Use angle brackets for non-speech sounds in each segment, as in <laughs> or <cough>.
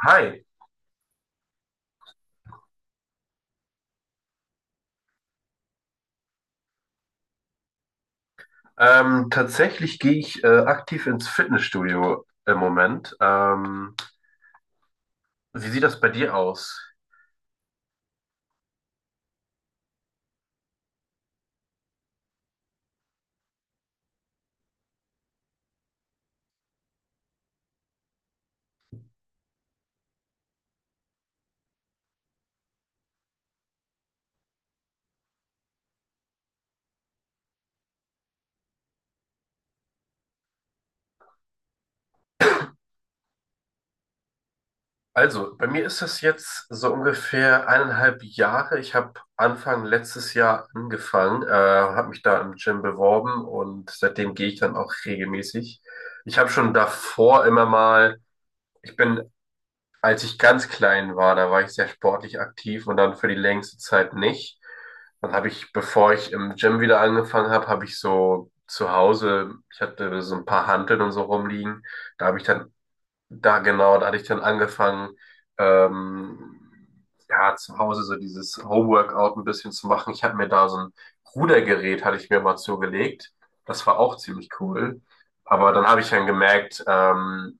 Hi, tatsächlich gehe ich aktiv ins Fitnessstudio im Moment. Wie sieht das bei dir aus? Also, bei mir ist das jetzt so ungefähr 1,5 Jahre. Ich habe Anfang letztes Jahr angefangen, habe mich da im Gym beworben und seitdem gehe ich dann auch regelmäßig. Ich habe schon davor immer mal, ich bin Als ich ganz klein war, da war ich sehr sportlich aktiv und dann für die längste Zeit nicht. Dann habe ich, bevor ich im Gym wieder angefangen habe, habe ich so zu Hause, ich hatte so ein paar Hanteln und so rumliegen. Da habe ich dann, da genau, da hatte ich dann angefangen, ähm, ja, zu Hause so dieses Homeworkout ein bisschen zu machen. Ich habe mir da so ein Rudergerät, hatte ich mir mal zugelegt. Das war auch ziemlich cool. Aber dann habe ich dann gemerkt,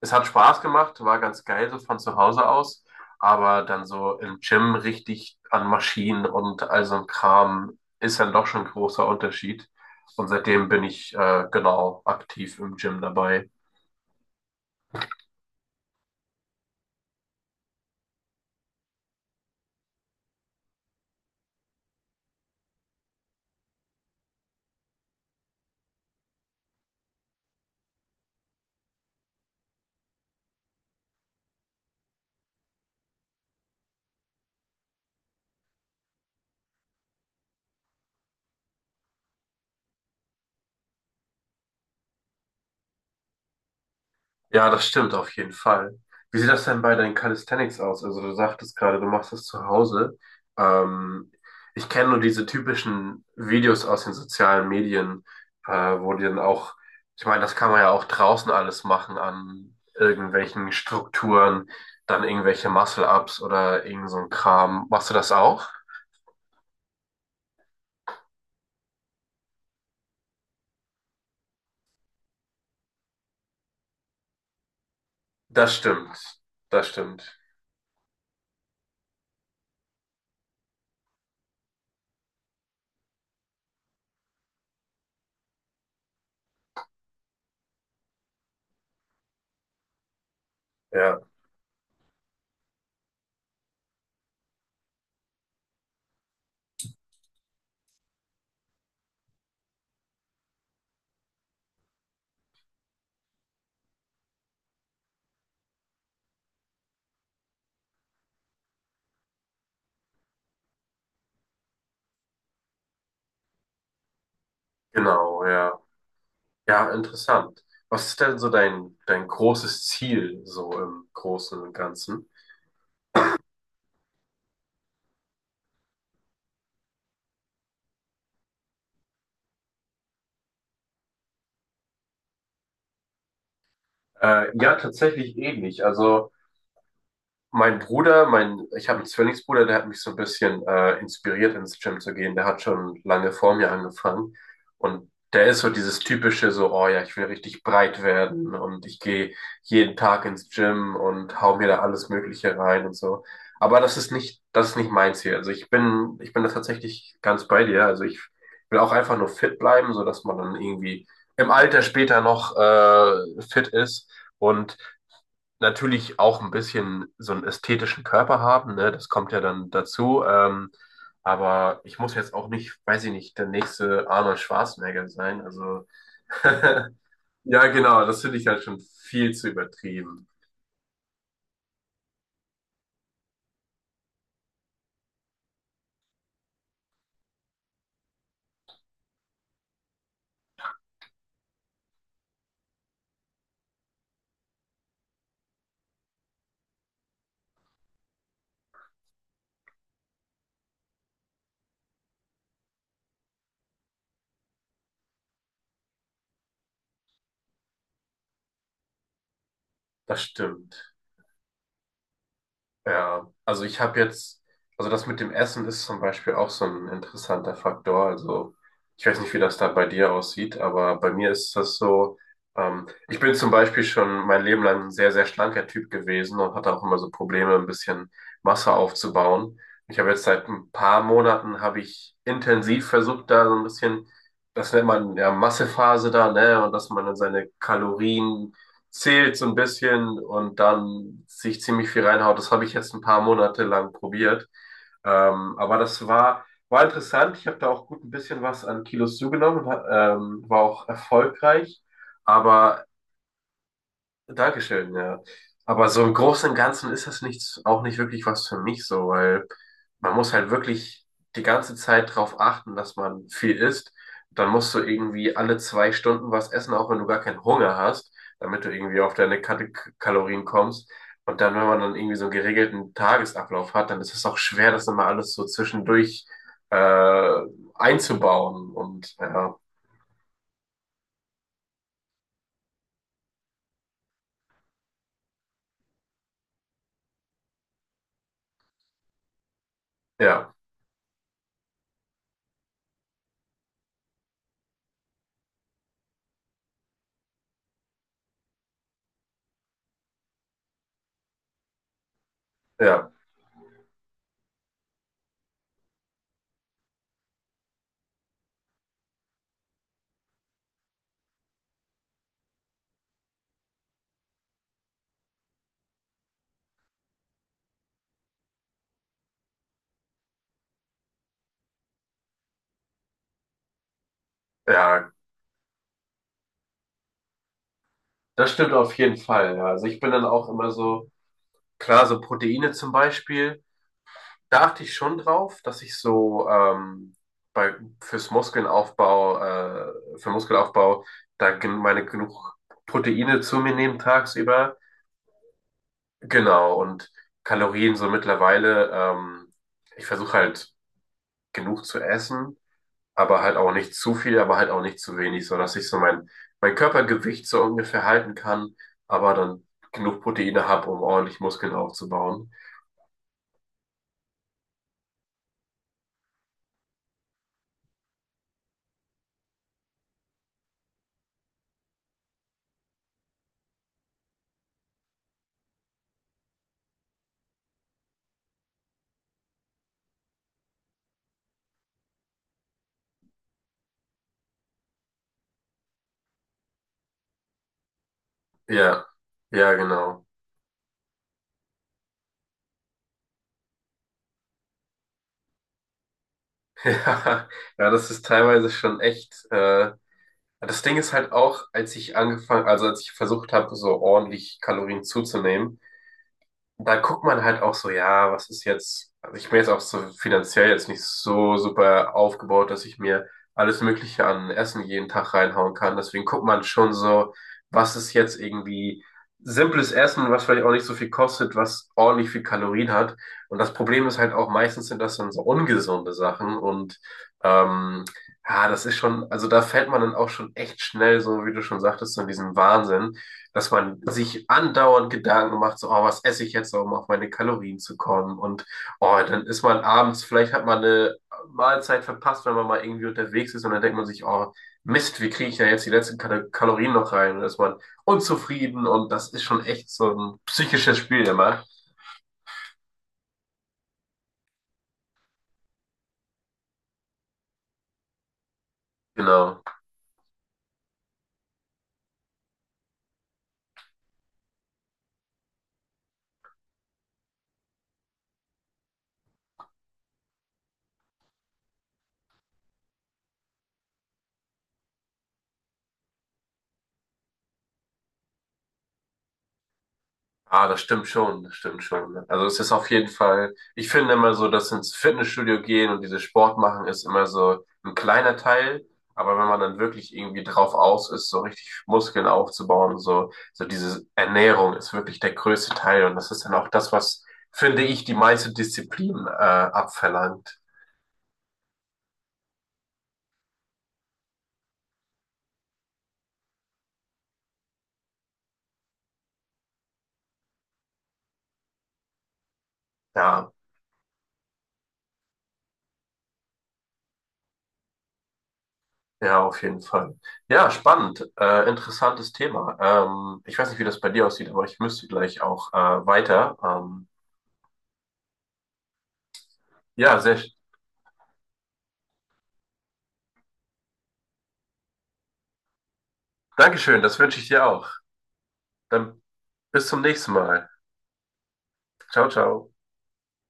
es hat Spaß gemacht, war ganz geil so von zu Hause aus, aber dann so im Gym richtig an Maschinen und all so ein Kram ist dann doch schon ein großer Unterschied. Und seitdem bin ich genau aktiv im Gym dabei. Ja, das stimmt auf jeden Fall. Wie sieht das denn bei deinen Calisthenics aus? Also du sagtest gerade, du machst das zu Hause. Ähm, ich kenne nur diese typischen Videos aus den sozialen Medien, äh, wo die dann auch, ich meine, das kann man ja auch draußen alles machen an irgendwelchen Strukturen, dann irgendwelche Muscle-Ups oder irgend so ein Kram. Machst du das auch? Das stimmt. Das stimmt. Ja, genau, ja. Ja, interessant. Was ist denn so dein großes Ziel so im Großen und Ganzen? Ja, tatsächlich ähnlich. Also mein Bruder, ich habe einen Zwillingsbruder, der hat mich so ein bisschen inspiriert, ins Gym zu gehen. Der hat schon lange vor mir angefangen. Und der ist so dieses typische, so, oh ja, ich will richtig breit werden und ich gehe jeden Tag ins Gym und hau mir da alles Mögliche rein und so. Aber das ist nicht mein Ziel. Also ich bin da tatsächlich ganz bei dir. Also ich will auch einfach nur fit bleiben, so dass man dann irgendwie im Alter später noch fit ist. Und natürlich auch ein bisschen so einen ästhetischen Körper haben, ne? Das kommt ja dann dazu. Aber ich muss jetzt auch nicht, weiß ich nicht, der nächste Arnold Schwarzenegger sein. Also <laughs> ja, genau, das finde ich halt schon viel zu übertrieben. Das stimmt. Ja, also also das mit dem Essen ist zum Beispiel auch so ein interessanter Faktor. Also ich weiß nicht, wie das da bei dir aussieht, aber bei mir ist das so, ich bin zum Beispiel schon mein Leben lang ein sehr, sehr schlanker Typ gewesen und hatte auch immer so Probleme, ein bisschen Masse aufzubauen. Ich habe jetzt seit ein paar Monaten, habe ich intensiv versucht, da so ein bisschen, das nennt man ja Massephase da, ne, und dass man dann seine Kalorien zählt so ein bisschen und dann sich ziemlich viel reinhaut. Das habe ich jetzt ein paar Monate lang probiert. Aber das war interessant. Ich habe da auch gut ein bisschen was an Kilos zugenommen, war auch erfolgreich. Aber Dankeschön, ja. Aber so im Großen und Ganzen ist das nichts, auch nicht wirklich was für mich so, weil man muss halt wirklich die ganze Zeit drauf achten, dass man viel isst. Dann musst du irgendwie alle 2 Stunden was essen, auch wenn du gar keinen Hunger hast, damit du irgendwie auf deine Kalorien kommst. Und dann, wenn man dann irgendwie so einen geregelten Tagesablauf hat, dann ist es auch schwer, das immer alles so zwischendurch äh, einzubauen. Und ja, ja, ja, ja, das stimmt auf jeden Fall. Ja. Also ich bin dann auch immer so. Klar, so Proteine zum Beispiel, da achte ich schon drauf, dass ich so bei, fürs Muskelaufbau, äh, für Muskelaufbau, da gen meine genug Proteine zu mir nehme tagsüber. Genau, und Kalorien so mittlerweile, ich versuche halt genug zu essen, aber halt auch nicht zu viel, aber halt auch nicht zu wenig, so dass ich so mein Körpergewicht so ungefähr halten kann, aber dann genug Proteine habe, um ordentlich Muskeln aufzubauen. Ja, ja, genau. <laughs> Ja, ja, das ist teilweise schon echt. Das Ding ist halt auch, als ich angefangen, also als ich versucht habe, so ordentlich Kalorien zuzunehmen, da guckt man halt auch so, ja, was ist jetzt, also ich bin jetzt auch so finanziell jetzt nicht so super aufgebaut, dass ich mir alles Mögliche an Essen jeden Tag reinhauen kann. Deswegen guckt man schon so, was ist jetzt irgendwie simples Essen, was vielleicht auch nicht so viel kostet, was ordentlich viel Kalorien hat. Und das Problem ist halt auch, meistens sind das dann so ungesunde Sachen und ähm, ja, das ist schon, also da fällt man dann auch schon echt schnell, so wie du schon sagtest, so in diesen Wahnsinn, dass man sich andauernd Gedanken macht, so, oh, was esse ich jetzt, um auf meine Kalorien zu kommen? Und oh, dann ist man abends, vielleicht hat man eine Mahlzeit verpasst, wenn man mal irgendwie unterwegs ist und dann denkt man sich, oh, Mist, wie kriege ich da jetzt die letzten Kalorien noch rein? Und dann ist man unzufrieden und das ist schon echt so ein psychisches Spiel immer. Genau. Ah, das stimmt schon, das stimmt schon. Also es ist auf jeden Fall, ich finde immer so, dass ins Fitnessstudio gehen und dieses Sport machen ist immer so ein kleiner Teil, aber wenn man dann wirklich irgendwie drauf aus ist, so richtig Muskeln aufzubauen und so, so diese Ernährung ist wirklich der größte Teil und das ist dann auch das, was, finde ich, die meiste Disziplin abverlangt. Ja, ja, auf jeden Fall. Ja, spannend, interessantes Thema. Ich weiß nicht, wie das bei dir aussieht, aber ich müsste gleich auch weiter. Ja, sehr, Dankeschön, das wünsche ich dir auch. Dann bis zum nächsten Mal. Ciao, ciao.